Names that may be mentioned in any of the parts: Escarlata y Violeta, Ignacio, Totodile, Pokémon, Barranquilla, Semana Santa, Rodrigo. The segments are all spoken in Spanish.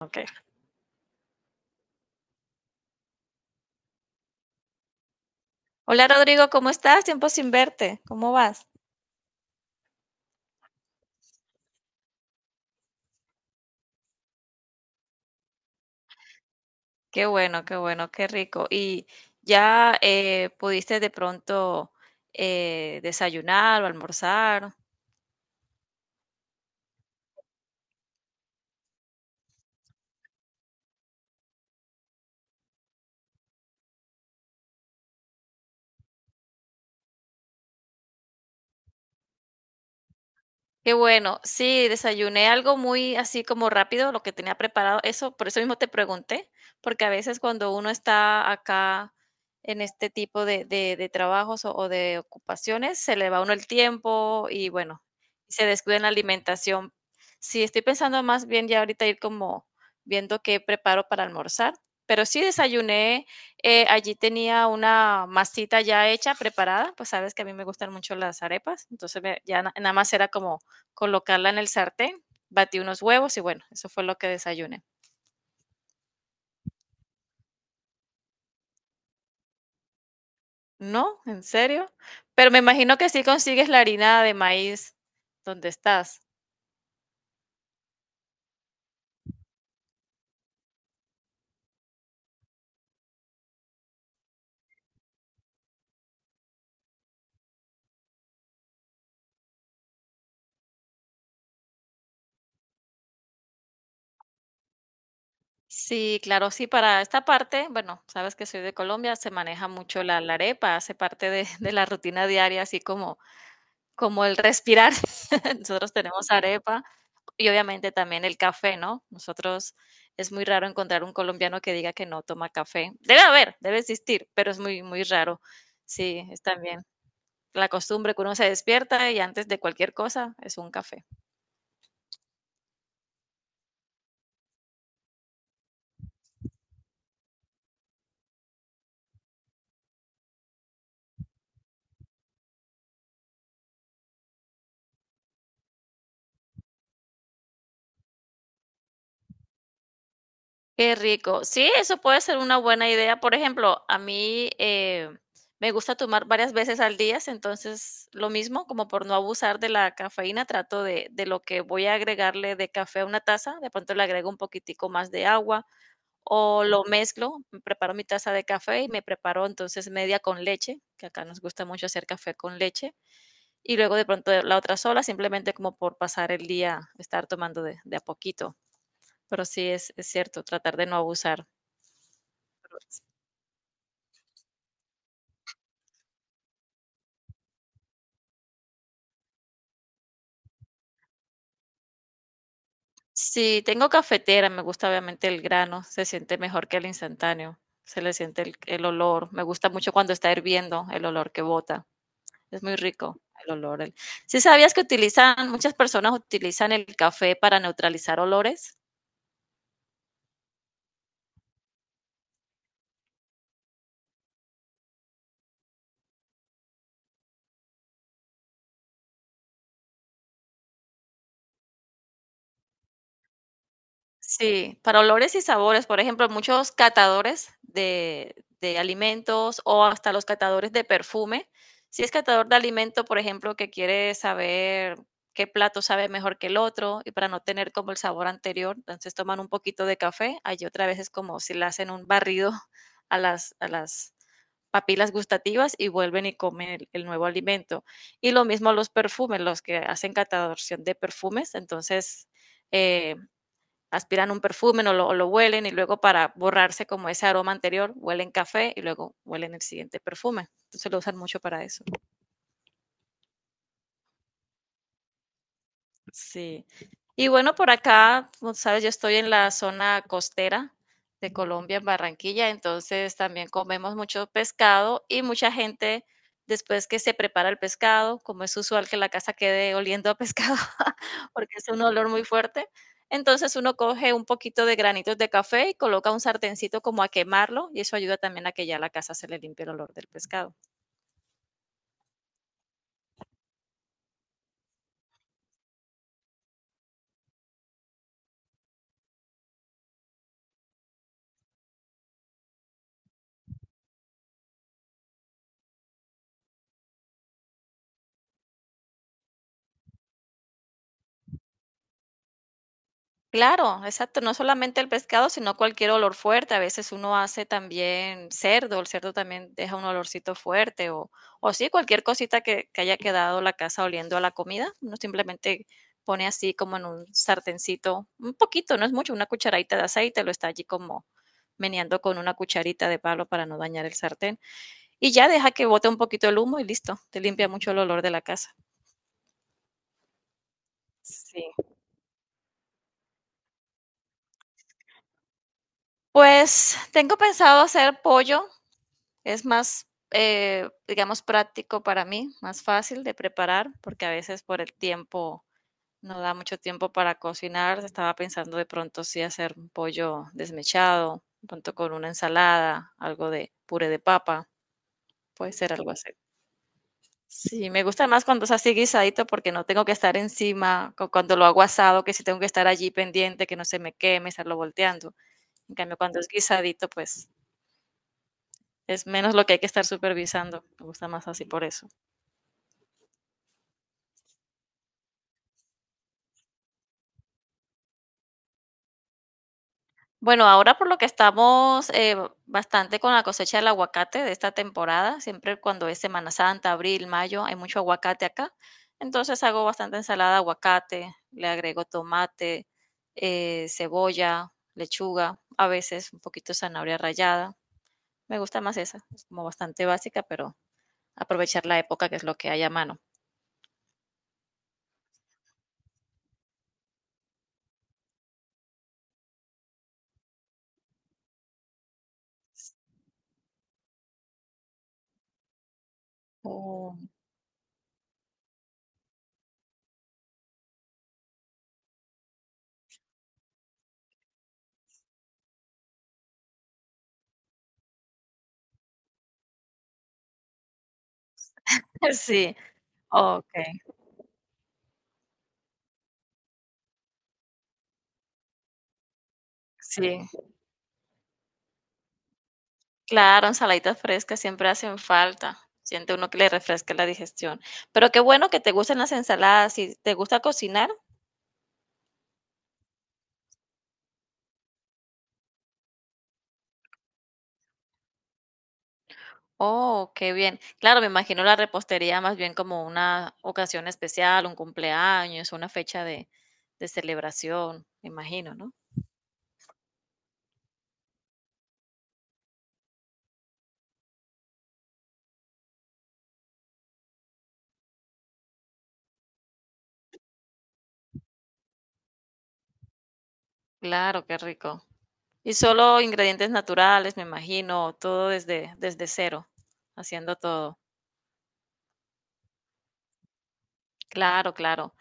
Okay. Hola Rodrigo, ¿cómo estás? Tiempo sin verte. ¿Cómo vas? Qué bueno, qué bueno, qué rico. ¿Y ya pudiste de pronto desayunar o almorzar? Qué bueno. Sí, desayuné algo muy así como rápido, lo que tenía preparado. Eso, por eso mismo te pregunté, porque a veces cuando uno está acá en este tipo de trabajos o de ocupaciones, se le va a uno el tiempo y bueno, se descuida en la alimentación. Sí, estoy pensando más bien ya ahorita ir como viendo qué preparo para almorzar. Pero sí desayuné, allí tenía una masita ya hecha, preparada, pues sabes que a mí me gustan mucho las arepas, entonces nada más era como colocarla en el sartén, batí unos huevos y bueno, eso fue lo que desayuné. No, en serio. Pero me imagino que sí consigues la harina de maíz donde estás. Sí, claro, sí, para esta parte, bueno, sabes que soy de Colombia, se maneja mucho la arepa, hace parte de la rutina diaria, así como, como el respirar. Nosotros tenemos arepa. Y obviamente también el café, ¿no? Nosotros es muy raro encontrar un colombiano que diga que no toma café. Debe haber, debe existir, pero es muy, muy raro. Sí, es también la costumbre que uno se despierta y antes de cualquier cosa es un café. Qué rico. Sí, eso puede ser una buena idea. Por ejemplo, a mí me gusta tomar varias veces al día, entonces lo mismo, como por no abusar de la cafeína, trato de lo que voy a agregarle de café a una taza, de pronto le agrego un poquitico más de agua o lo mezclo, me preparo mi taza de café y me preparo entonces media con leche, que acá nos gusta mucho hacer café con leche, y luego de pronto la otra sola, simplemente como por pasar el día, estar tomando de a poquito. Pero sí es cierto, tratar de no abusar. Si tengo cafetera, me gusta obviamente el grano, se siente mejor que el instantáneo, se le siente el olor, me gusta mucho cuando está hirviendo el olor que bota. Es muy rico el olor. ¿Sí sabías que utilizan, muchas personas utilizan el café para neutralizar olores? Sí, para olores y sabores, por ejemplo, muchos catadores de alimentos o hasta los catadores de perfume. Si es catador de alimento, por ejemplo, que quiere saber qué plato sabe mejor que el otro y para no tener como el sabor anterior, entonces toman un poquito de café. Allí otra vez es como si le hacen un barrido a las papilas gustativas y vuelven y comen el nuevo alimento. Y lo mismo los perfumes, los que hacen cataloración de perfumes, entonces, eh, aspiran un perfume o lo huelen y luego para borrarse como ese aroma anterior, huelen café y luego huelen el siguiente perfume. Entonces lo usan mucho para eso. Sí. Y bueno, por acá, como sabes, yo estoy en la zona costera de Colombia, en Barranquilla, entonces también comemos mucho pescado y mucha gente, después que se prepara el pescado, como es usual que la casa quede oliendo a pescado, porque es un olor muy fuerte, entonces uno coge un poquito de granitos de café y coloca un sartencito como a quemarlo y eso ayuda también a que ya la casa se le limpie el olor del pescado. Claro, exacto, no solamente el pescado, sino cualquier olor fuerte. A veces uno hace también cerdo, el cerdo también deja un olorcito fuerte o sí, cualquier cosita que haya quedado la casa oliendo a la comida, uno simplemente pone así como en un sartencito, un poquito, no es mucho, una cucharadita de aceite, lo está allí como meneando con una cucharita de palo para no dañar el sartén y ya deja que bote un poquito el humo y listo, te limpia mucho el olor de la casa. Sí. Pues tengo pensado hacer pollo. Es más, digamos, práctico para mí, más fácil de preparar, porque a veces por el tiempo no da mucho tiempo para cocinar. Estaba pensando de pronto sí hacer un pollo desmechado, de pronto con una ensalada, algo de puré de papa, puede ser algo así. Sí, me gusta más cuando es así guisadito porque no tengo que estar encima, cuando lo hago asado, que sí tengo que estar allí pendiente, que no se me queme, estarlo volteando. En cambio, cuando es guisadito, pues es menos lo que hay que estar supervisando. Me gusta más así por eso. Bueno, ahora por lo que estamos bastante con la cosecha del aguacate de esta temporada, siempre cuando es Semana Santa, abril, mayo, hay mucho aguacate acá. Entonces hago bastante ensalada de aguacate, le agrego tomate, cebolla, lechuga, a veces un poquito de zanahoria rallada. Me gusta más esa, es como bastante básica, pero aprovechar la época que es lo que hay a mano. Oh. Sí, ok, sí. Claro, ensaladitas frescas siempre hacen falta. Siente uno que le refresca la digestión. Pero qué bueno que te gustan las ensaladas. ¿Y te gusta cocinar? Oh, qué bien. Claro, me imagino la repostería más bien como una ocasión especial, un cumpleaños, una fecha de celebración, me imagino, ¿no? Claro, qué rico. Y solo ingredientes naturales, me imagino, todo desde cero, haciendo todo. Claro, claro.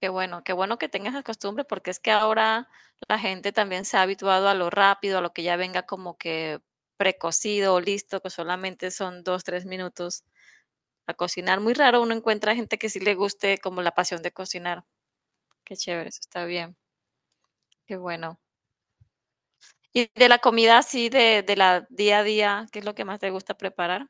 Qué bueno que tengas la costumbre, porque es que ahora la gente también se ha habituado a lo rápido, a lo que ya venga como que precocido o listo, que solamente son dos, tres minutos a cocinar. Muy raro uno encuentra gente que sí le guste como la pasión de cocinar. Qué chévere, eso está bien, qué bueno. Y de la comida así, de la día a día, ¿qué es lo que más te gusta preparar?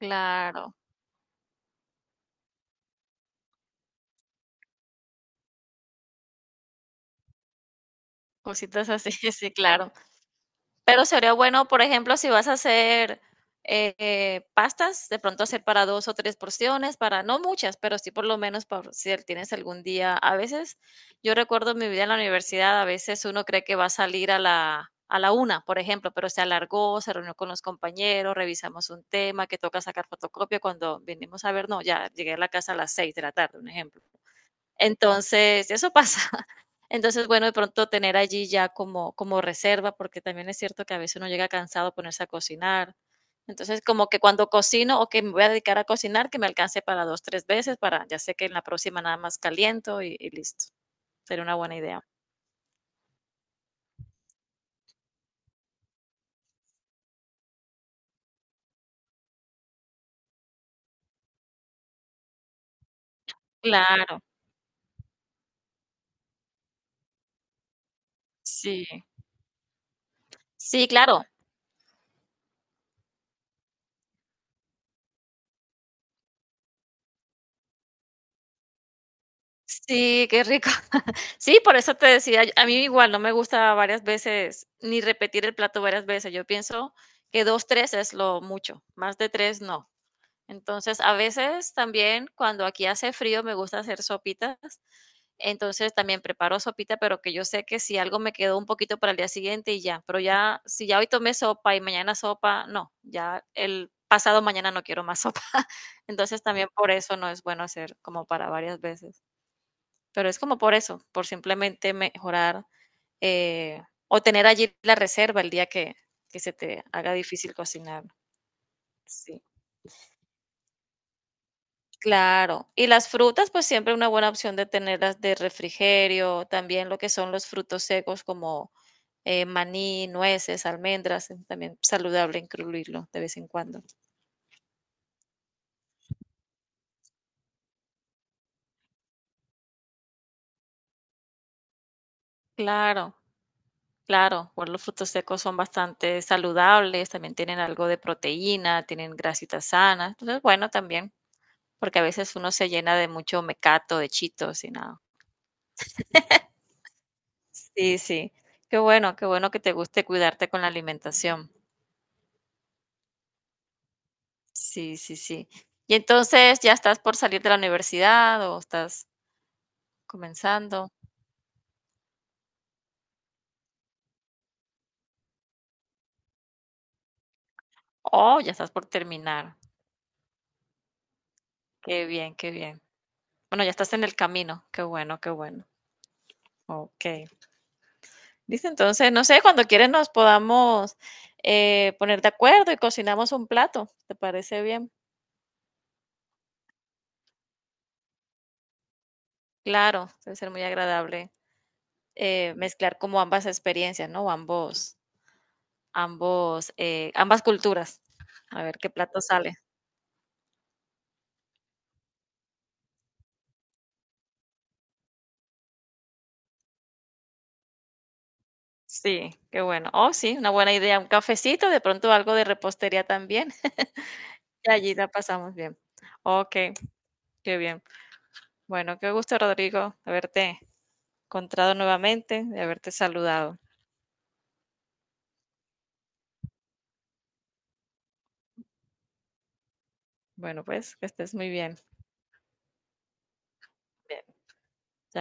Claro, cositas así, sí, claro. Pero sería bueno, por ejemplo, si vas a hacer pastas, de pronto hacer para dos o tres porciones, para no muchas, pero sí por lo menos por si tienes algún día. A veces, yo recuerdo mi vida en la universidad, a veces uno cree que va a salir a la una, por ejemplo, pero se alargó, se reunió con los compañeros, revisamos un tema que toca sacar fotocopia cuando venimos a ver, no, ya llegué a la casa a las seis de la tarde, un ejemplo. Entonces, eso pasa. Entonces, bueno, de pronto tener allí ya como, como reserva, porque también es cierto que a veces uno llega cansado a ponerse a cocinar. Entonces, como que cuando cocino o que me voy a dedicar a cocinar, que me alcance para dos, tres veces, para ya sé que en la próxima nada más caliento y listo. Sería una buena idea. Claro, sí. Sí, claro. Sí, qué rico. Sí, por eso te decía, yo- a mí igual no me gusta varias veces ni repetir el plato varias veces. Yo pienso que 2, 3 es lo mucho, más de 3, no. Entonces, a veces también cuando aquí hace frío me gusta hacer sopitas. Entonces, también preparo sopita, pero que yo sé que si algo me quedó un poquito para el día siguiente y ya, pero ya si ya hoy tomé sopa y mañana sopa, no, ya el pasado mañana no quiero más sopa. Entonces, también por eso no es bueno hacer como para varias veces. Pero es como por eso, por simplemente mejorar eh, o tener allí la reserva el día que se te haga difícil cocinar. Sí. Claro, y las frutas, pues siempre una buena opción de tenerlas de refrigerio, también lo que son los frutos secos como maní, nueces, almendras, es también saludable incluirlo de vez en cuando. Claro, claro, bueno, los frutos secos son bastante saludables, también tienen algo de proteína, tienen grasitas sanas, entonces bueno, también. Porque a veces uno se llena de mucho mecato, de chitos y nada. Sí, sí. Qué bueno que te guste cuidarte con la alimentación. Sí, sí, sí. Y entonces, ¿ya estás por salir de la universidad o estás comenzando? Oh, ya estás por terminar. Qué bien, qué bien. Bueno, ya estás en el camino. Qué bueno, qué bueno. Ok. Listo, entonces, no sé, cuando quieres nos podamos poner de acuerdo y cocinamos un plato. ¿Te parece bien? Claro, debe ser muy agradable. Mezclar como ambas experiencias, ¿no? Ambas culturas. A ver qué plato sale. Sí, qué bueno. Oh, sí, una buena idea. Un cafecito, de pronto algo de repostería también. Y allí la pasamos bien. Ok, qué bien. Bueno, qué gusto, Rodrigo, haberte encontrado nuevamente, de haberte saludado. Bueno, pues que estés muy bien. Bien.